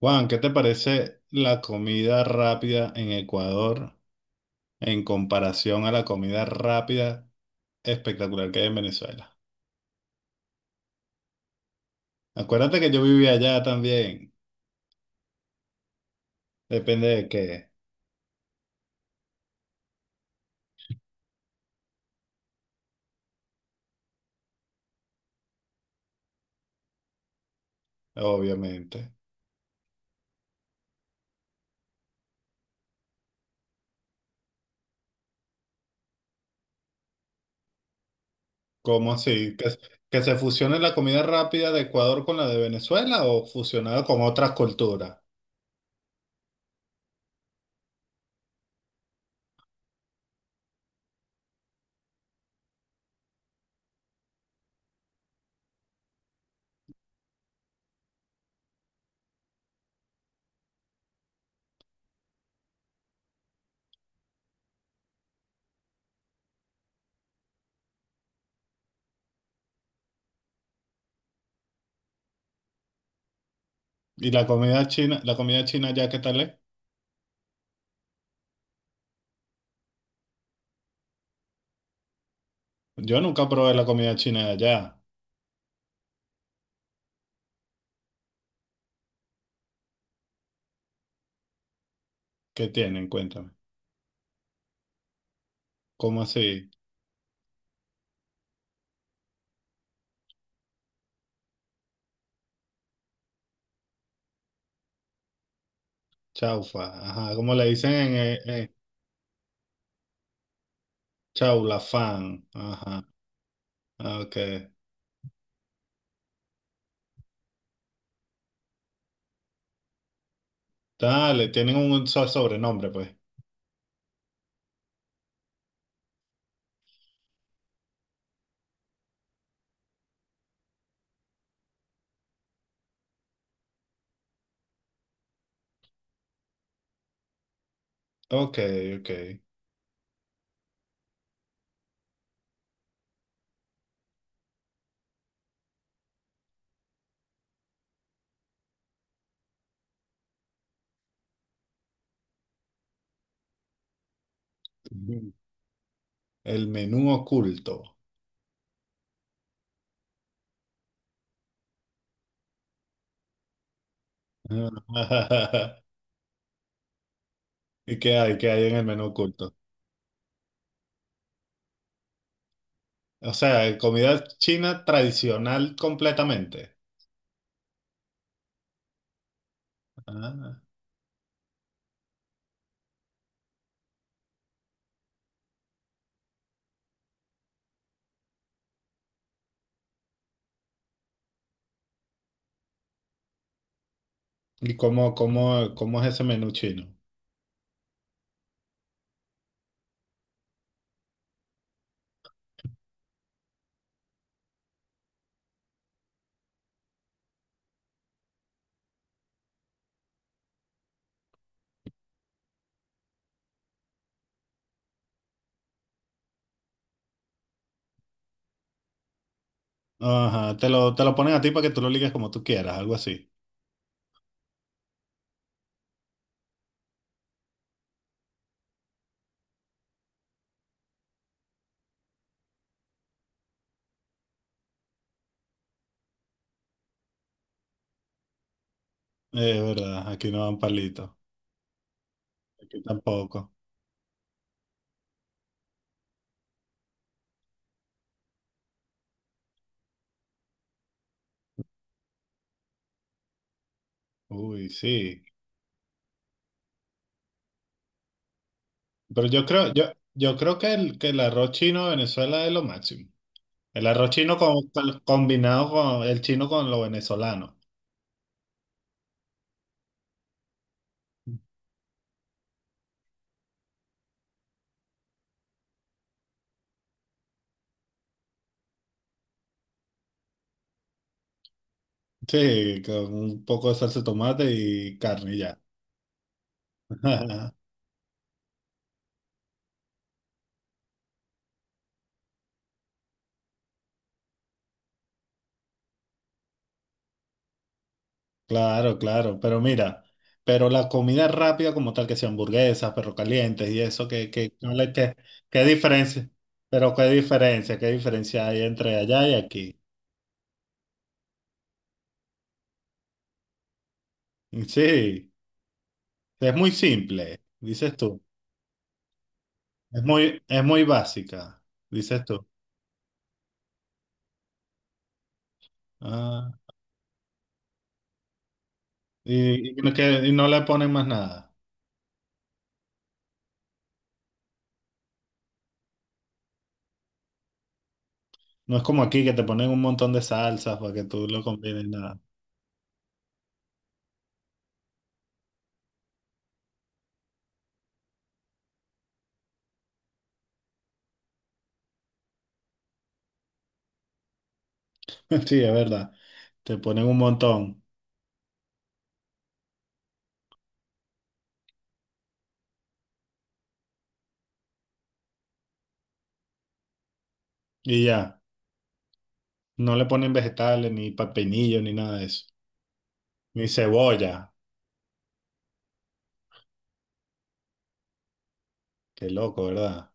Juan, ¿qué te parece la comida rápida en Ecuador en comparación a la comida rápida espectacular que hay en Venezuela? Acuérdate que yo vivía allá también. Depende de qué, obviamente. ¿Cómo así? ¿Que se fusione la comida rápida de Ecuador con la de Venezuela o fusionada con otras culturas? ¿Y la comida china allá qué tal es? Yo nunca probé la comida china de allá. ¿Qué tienen? Cuéntame. ¿Cómo así? Chaufa. Ajá, como le dicen en- Chau, la fan. Ajá. Ah, ok. Dale, tienen un sobrenombre, pues. Ok, ok. Ujú. El menú oculto. Ah, ¿Y qué hay? ¿Qué hay en el menú oculto? O sea, comida china tradicional completamente. Ah. ¿Y cómo, cómo, cómo es ese menú chino? Ajá, te lo ponen a ti para que tú lo ligues como tú quieras, algo así. Es verdad, aquí no dan palitos. Aquí tampoco. Uy, sí. Pero yo creo, yo creo que que el arroz chino de Venezuela es lo máximo. El arroz chino combinado con el chino con lo venezolano. Sí, con un poco de salsa de tomate y carne y ya. Claro, claro. Pero mira, pero la comida rápida como tal, que sea hamburguesas, perro calientes y eso, qué qué diferencia. Pero qué diferencia hay entre allá y aquí. Sí, es muy simple, dices tú. Es muy básica, dices tú. Ah, y no que, y no le ponen más nada. No es como aquí que te ponen un montón de salsas para que tú lo combines nada. Sí, es verdad. Te ponen un montón y ya. No le ponen vegetales, ni pepinillo, ni nada de eso. Ni cebolla. Qué loco, ¿verdad?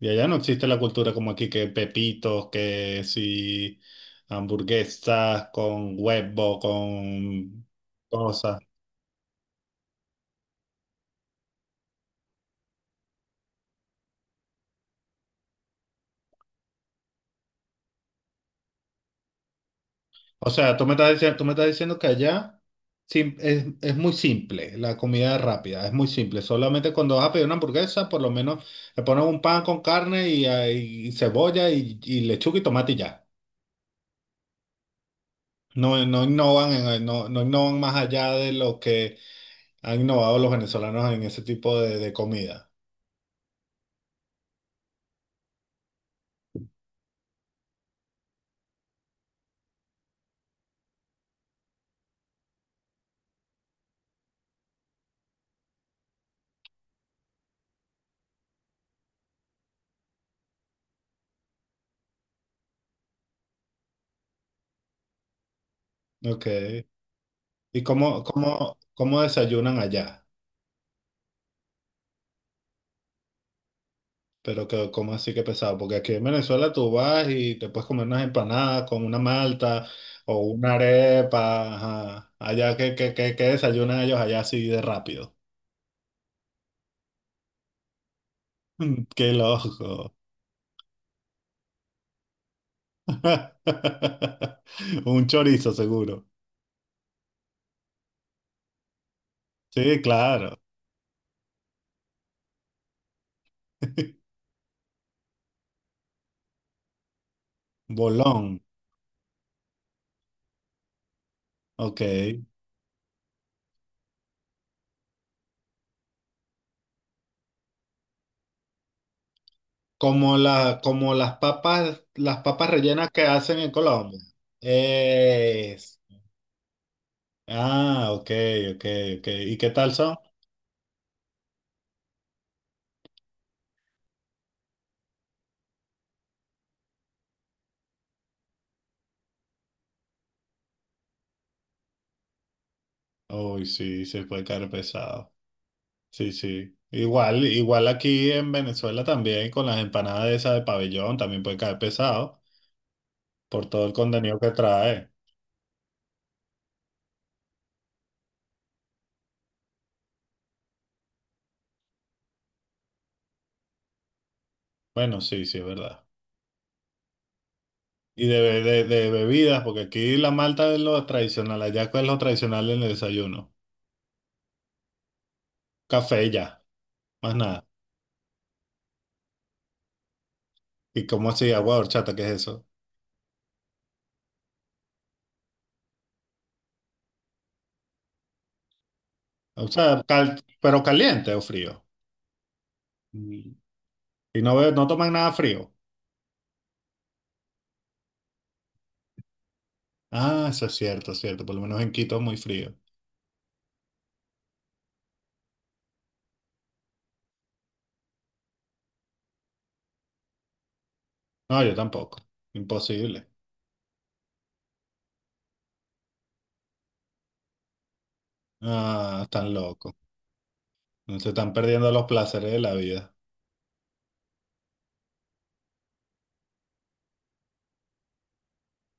Y allá no existe la cultura como aquí que pepitos, que si hamburguesas con huevo, con cosas. O sea, tú me estás diciendo, tú me estás diciendo que allá es muy simple, la comida rápida, es muy simple. Solamente cuando vas a pedir una hamburguesa, por lo menos le pones un pan con carne y, ah, y cebolla y lechuga y tomate y ya. No, no innovan no, no innovan más allá de lo que han innovado los venezolanos en ese tipo de comida. Ok. ¿Y cómo, cómo, cómo desayunan allá? Pero que, ¿cómo así que pesado? Porque aquí en Venezuela tú vas y te puedes comer unas empanadas con una malta o una arepa. Ajá. Allá que desayunan ellos allá así de rápido. Mm, qué loco. Un chorizo seguro. Sí, claro. Bolón. Ok. Como la, como las papas rellenas que hacen en Colombia. Es. Ah, ok, ok, ok. ¿Y qué tal son? Uy, sí, se puede caer pesado. Sí, sí. Igual, igual aquí en Venezuela también con las empanadas esas de pabellón también puede caer pesado por todo el contenido que trae. Bueno, sí, sí, es verdad. Y de, de bebidas, porque aquí la malta es lo tradicional, allá cuál es lo tradicional en el desayuno. Café y ya, más nada. ¿Y cómo así? Agua de horchata, ¿qué es eso? O sea, pero caliente o frío. Mm. Y no, no toman nada frío. Ah, eso es cierto, es cierto. Por lo menos en Quito es muy frío. No, yo tampoco. Imposible. Ah, están locos. Se están perdiendo los placeres de la vida.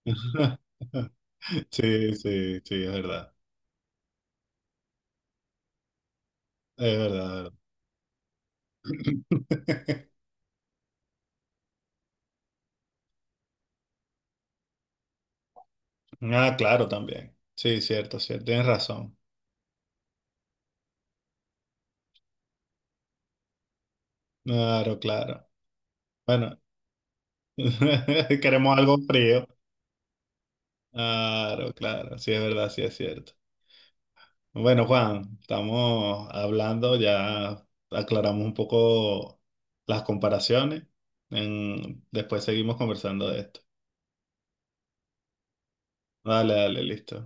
Sí, sí, sí, es verdad. Es verdad, es verdad. Ah, claro, también. Sí, cierto, cierto. Tienes razón. Claro, claro. Bueno, queremos algo frío. Claro, claro. Sí, es verdad, sí, es cierto. Bueno, Juan, estamos hablando, ya aclaramos un poco las comparaciones. Después seguimos conversando de esto. Dale, dale, listo.